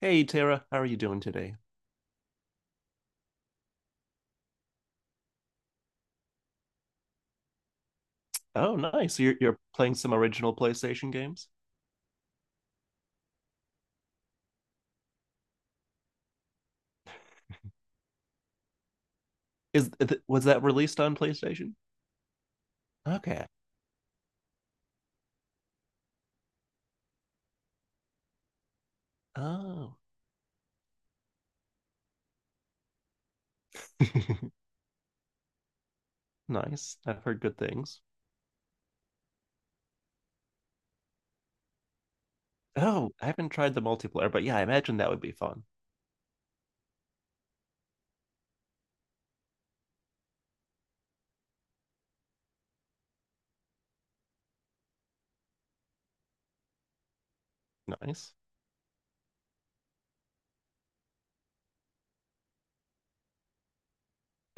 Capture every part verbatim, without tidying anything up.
Hey Tara, how are you doing today? Oh, nice. You're you're playing some original PlayStation games? Is th Was that released on PlayStation? Okay. Oh. Nice. I've heard good things. Oh, I haven't tried the multiplayer, but yeah, I imagine that would be fun. Nice.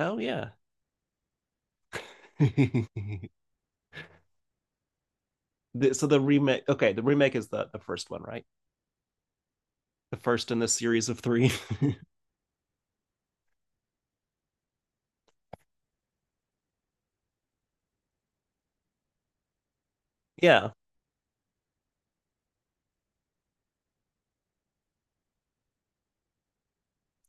Oh yeah. The, so the remake, okay, the remake is the the first one, right? The first in the series of three. Yeah.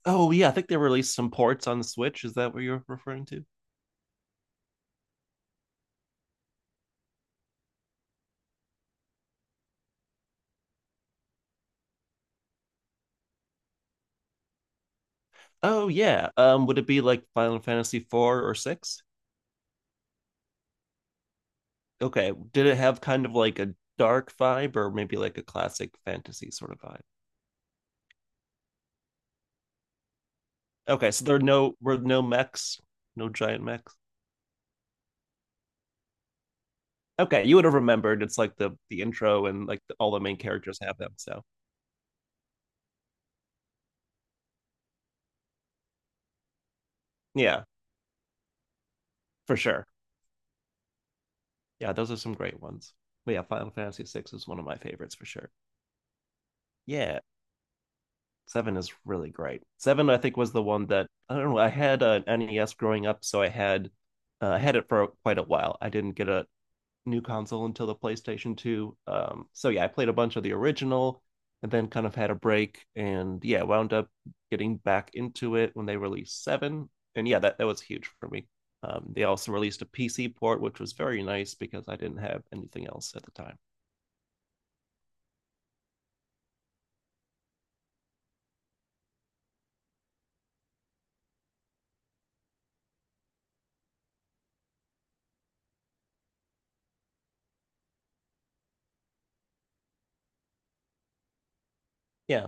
Oh yeah, I think they released some ports on the Switch. Is that what you're referring to? Oh yeah. Um, would it be like Final Fantasy four or six? Okay. Did it have kind of like a dark vibe or maybe like a classic fantasy sort of vibe? Okay, so there are no were no mechs, no giant mechs. Okay, you would have remembered. It's like the the intro and like the, all the main characters have them. So yeah, for sure. Yeah, those are some great ones. But yeah, Final Fantasy V I is one of my favorites for sure. Yeah, seven is really great. Seven, I think, was the one that I don't know. I had an N E S growing up, so I had uh, I had it for quite a while. I didn't get a new console until the PlayStation two. Um, so yeah, I played a bunch of the original and then kind of had a break, and yeah, wound up getting back into it when they released seven. And yeah, that, that was huge for me. Um, they also released a P C port, which was very nice because I didn't have anything else at the time. Yeah.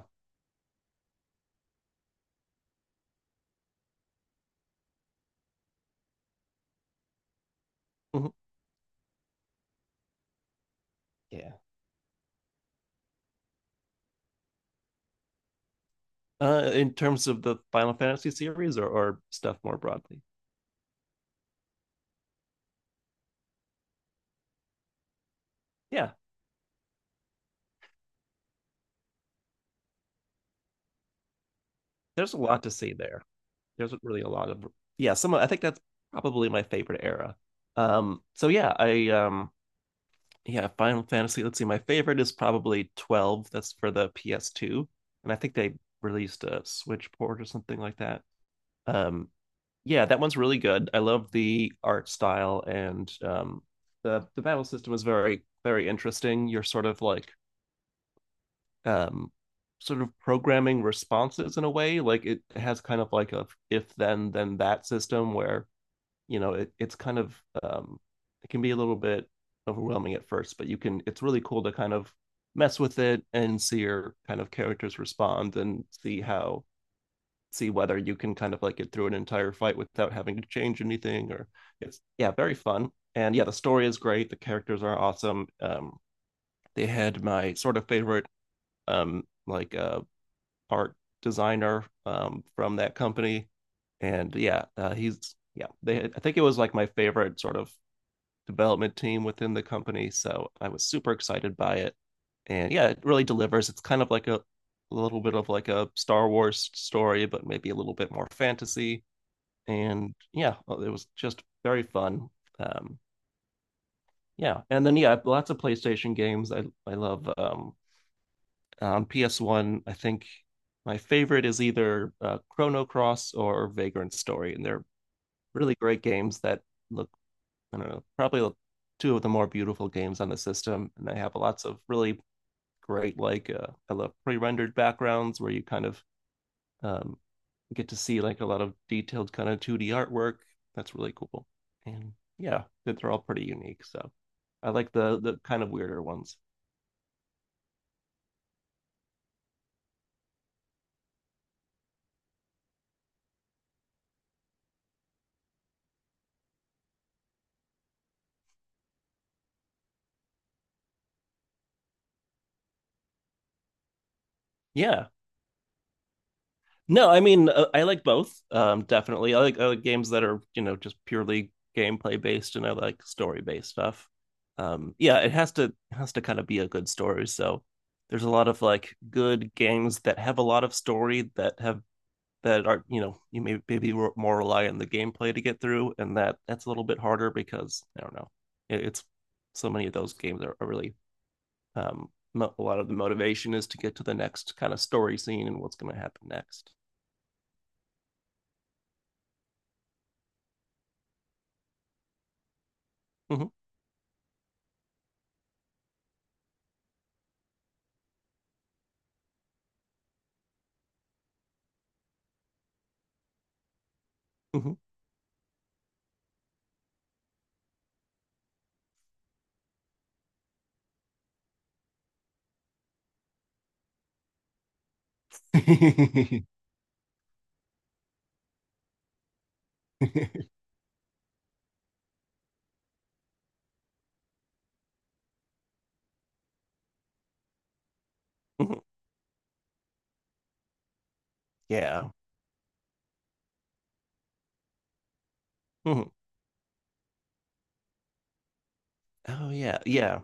Hmm. Yeah. Uh, in terms of the Final Fantasy series, or, or stuff more broadly. Yeah, there's a lot to see there. There's really a lot of yeah, some of, I think that's probably my favorite era. Um so yeah, I um yeah, Final Fantasy. Let's see, my favorite is probably twelve. That's for the P S two. And I think they released a Switch port or something like that. Um, yeah, that one's really good. I love the art style, and um, the the battle system is very, very interesting. You're sort of like um, sort of programming responses in a way. Like it has kind of like a if then then that system where you know it, it's kind of um, it can be a little bit overwhelming at first, but you can it's really cool to kind of mess with it and see your kind of characters respond and see how see whether you can kind of like get through an entire fight without having to change anything or it's yeah very fun. And yeah, the story is great, the characters are awesome, um, they had my sort of favorite um like uh art designer um from that company. And yeah uh, he's yeah they I think it was like my favorite sort of development team within the company. So I was super excited by it. And yeah, it really delivers. It's kind of like a, a little bit of like a Star Wars story, but maybe a little bit more fantasy. And yeah, well, it was just very fun. Um, yeah. And then, yeah, lots of PlayStation games. I, I love um, on P S one, I think my favorite is either uh, Chrono Cross or Vagrant Story. And they're really great games that look I don't know, probably two of the more beautiful games on the system. And they have lots of really great, like, uh, I love pre rendered backgrounds where you kind of um, get to see like a lot of detailed kind of two D artwork. That's really cool. And yeah, they're all pretty unique. So I like the the kind of weirder ones. Yeah, no, I mean uh, I like both. Um, definitely, I like I like games that are you know just purely gameplay based, and I like story based stuff. Um, yeah, it has to it has to kind of be a good story. So there's a lot of like good games that have a lot of story that have that are you know you may maybe re- more rely on the gameplay to get through, and that that's a little bit harder because I don't know. It, it's so many of those games are, are really um, mo- a lot of the motivation is to get to the next kind of story scene and what's going to happen next. Mhm, mhm. Yeah. Mhm. Oh yeah. Yeah.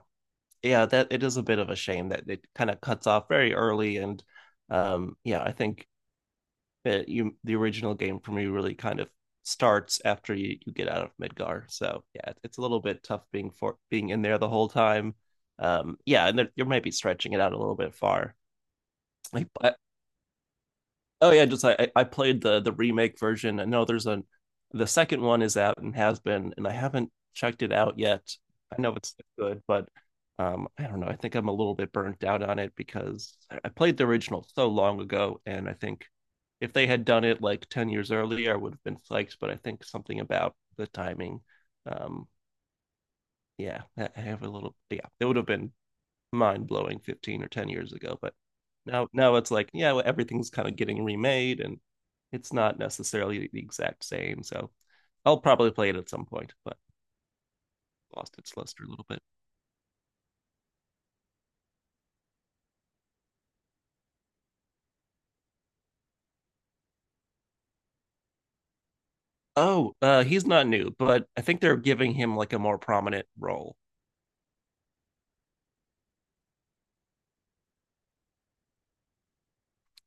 Yeah, that it is a bit of a shame that it kind of cuts off very early. And um yeah, I think that you the original game for me really kind of starts after you, you get out of Midgar. So, yeah, it's a little bit tough being for being in there the whole time. Um yeah, and there, you might be stretching it out a little bit far. Like I, oh yeah, just I I played the the remake version. I know there's a the second one is out and has been, and I haven't checked it out yet. I know it's good, but um, I don't know. I think I'm a little bit burnt out on it because I I played the original so long ago, and I think if they had done it like ten years earlier, I would have been psyched, but I think something about the timing, um, yeah, I I have a little, yeah, it would have been mind blowing fifteen or ten years ago. But now, now it's like, yeah, well, everything's kind of getting remade and it's not necessarily the exact same. So I'll probably play it at some point, but lost its luster a little bit. Oh, uh, he's not new, but I think they're giving him like a more prominent role.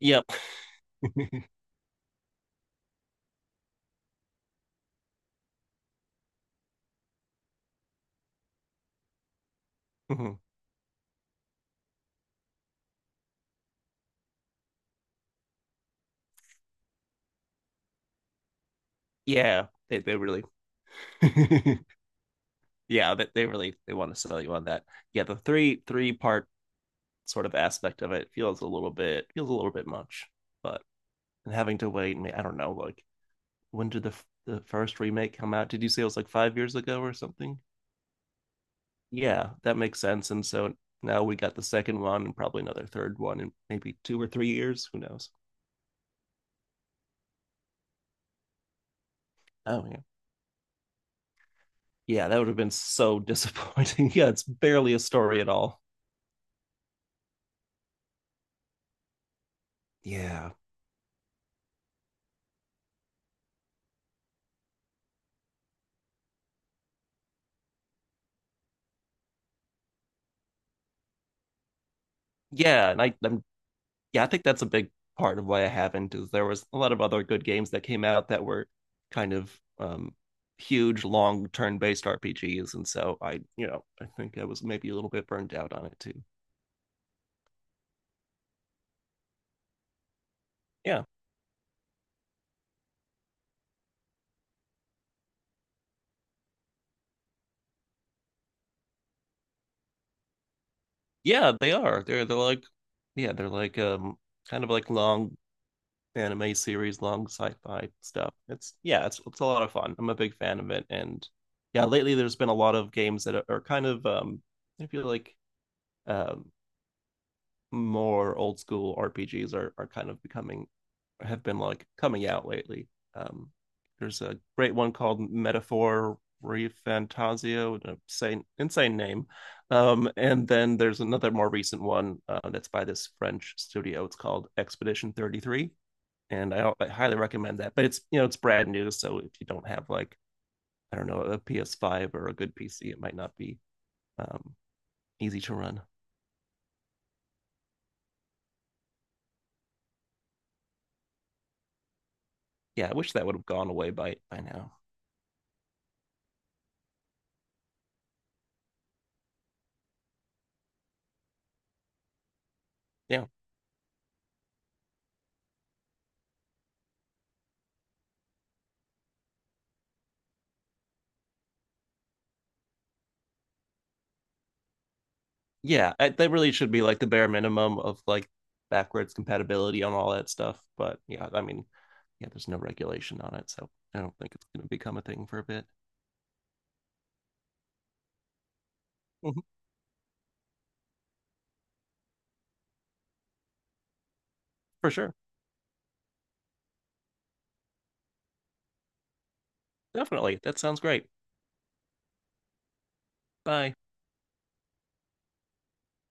Yep. Yeah, they they really yeah, that they, they really they want to sell you on that. Yeah, the three three part sort of aspect of it feels a little bit feels a little bit much, but having to wait and I don't know, like when did the the first remake come out? Did you say it was like five years ago or something? Yeah, that makes sense. And so now we got the second one, and probably another third one in maybe two or three years. Who knows? Oh yeah, yeah, that would have been so disappointing. Yeah, it's barely a story at all. Yeah, yeah, and I, I'm yeah, I think that's a big part of why I haven't is there was a lot of other good games that came out that were kind of um huge long turn-based R P Gs, and so I you know I think I was maybe a little bit burned out on it too. Yeah. Yeah, they are. They're they're like yeah, they're like um kind of like long anime series, long sci-fi stuff. It's yeah, it's it's a lot of fun. I'm a big fan of it. And yeah, lately there's been a lot of games that are, are kind of um I feel like um more old school R P Gs are are kind of becoming have been like coming out lately. Um, there's a great one called Metaphor Refantasio, an insane, insane name. Um, and then there's another more recent one uh, that's by this French studio. It's called Expedition thirty-three, and I, I highly recommend that. But it's you know it's brand new, so if you don't have like I don't know a P S five or a good P C, it might not be um, easy to run. Yeah, I wish that would have gone away by by now. Yeah. Yeah, I, they really should be like the bare minimum of like backwards compatibility on all that stuff. But yeah, I mean, yeah, there's no regulation on it, so I don't think it's going to become a thing for a bit. Mhm, for sure. Definitely. That sounds great. Bye.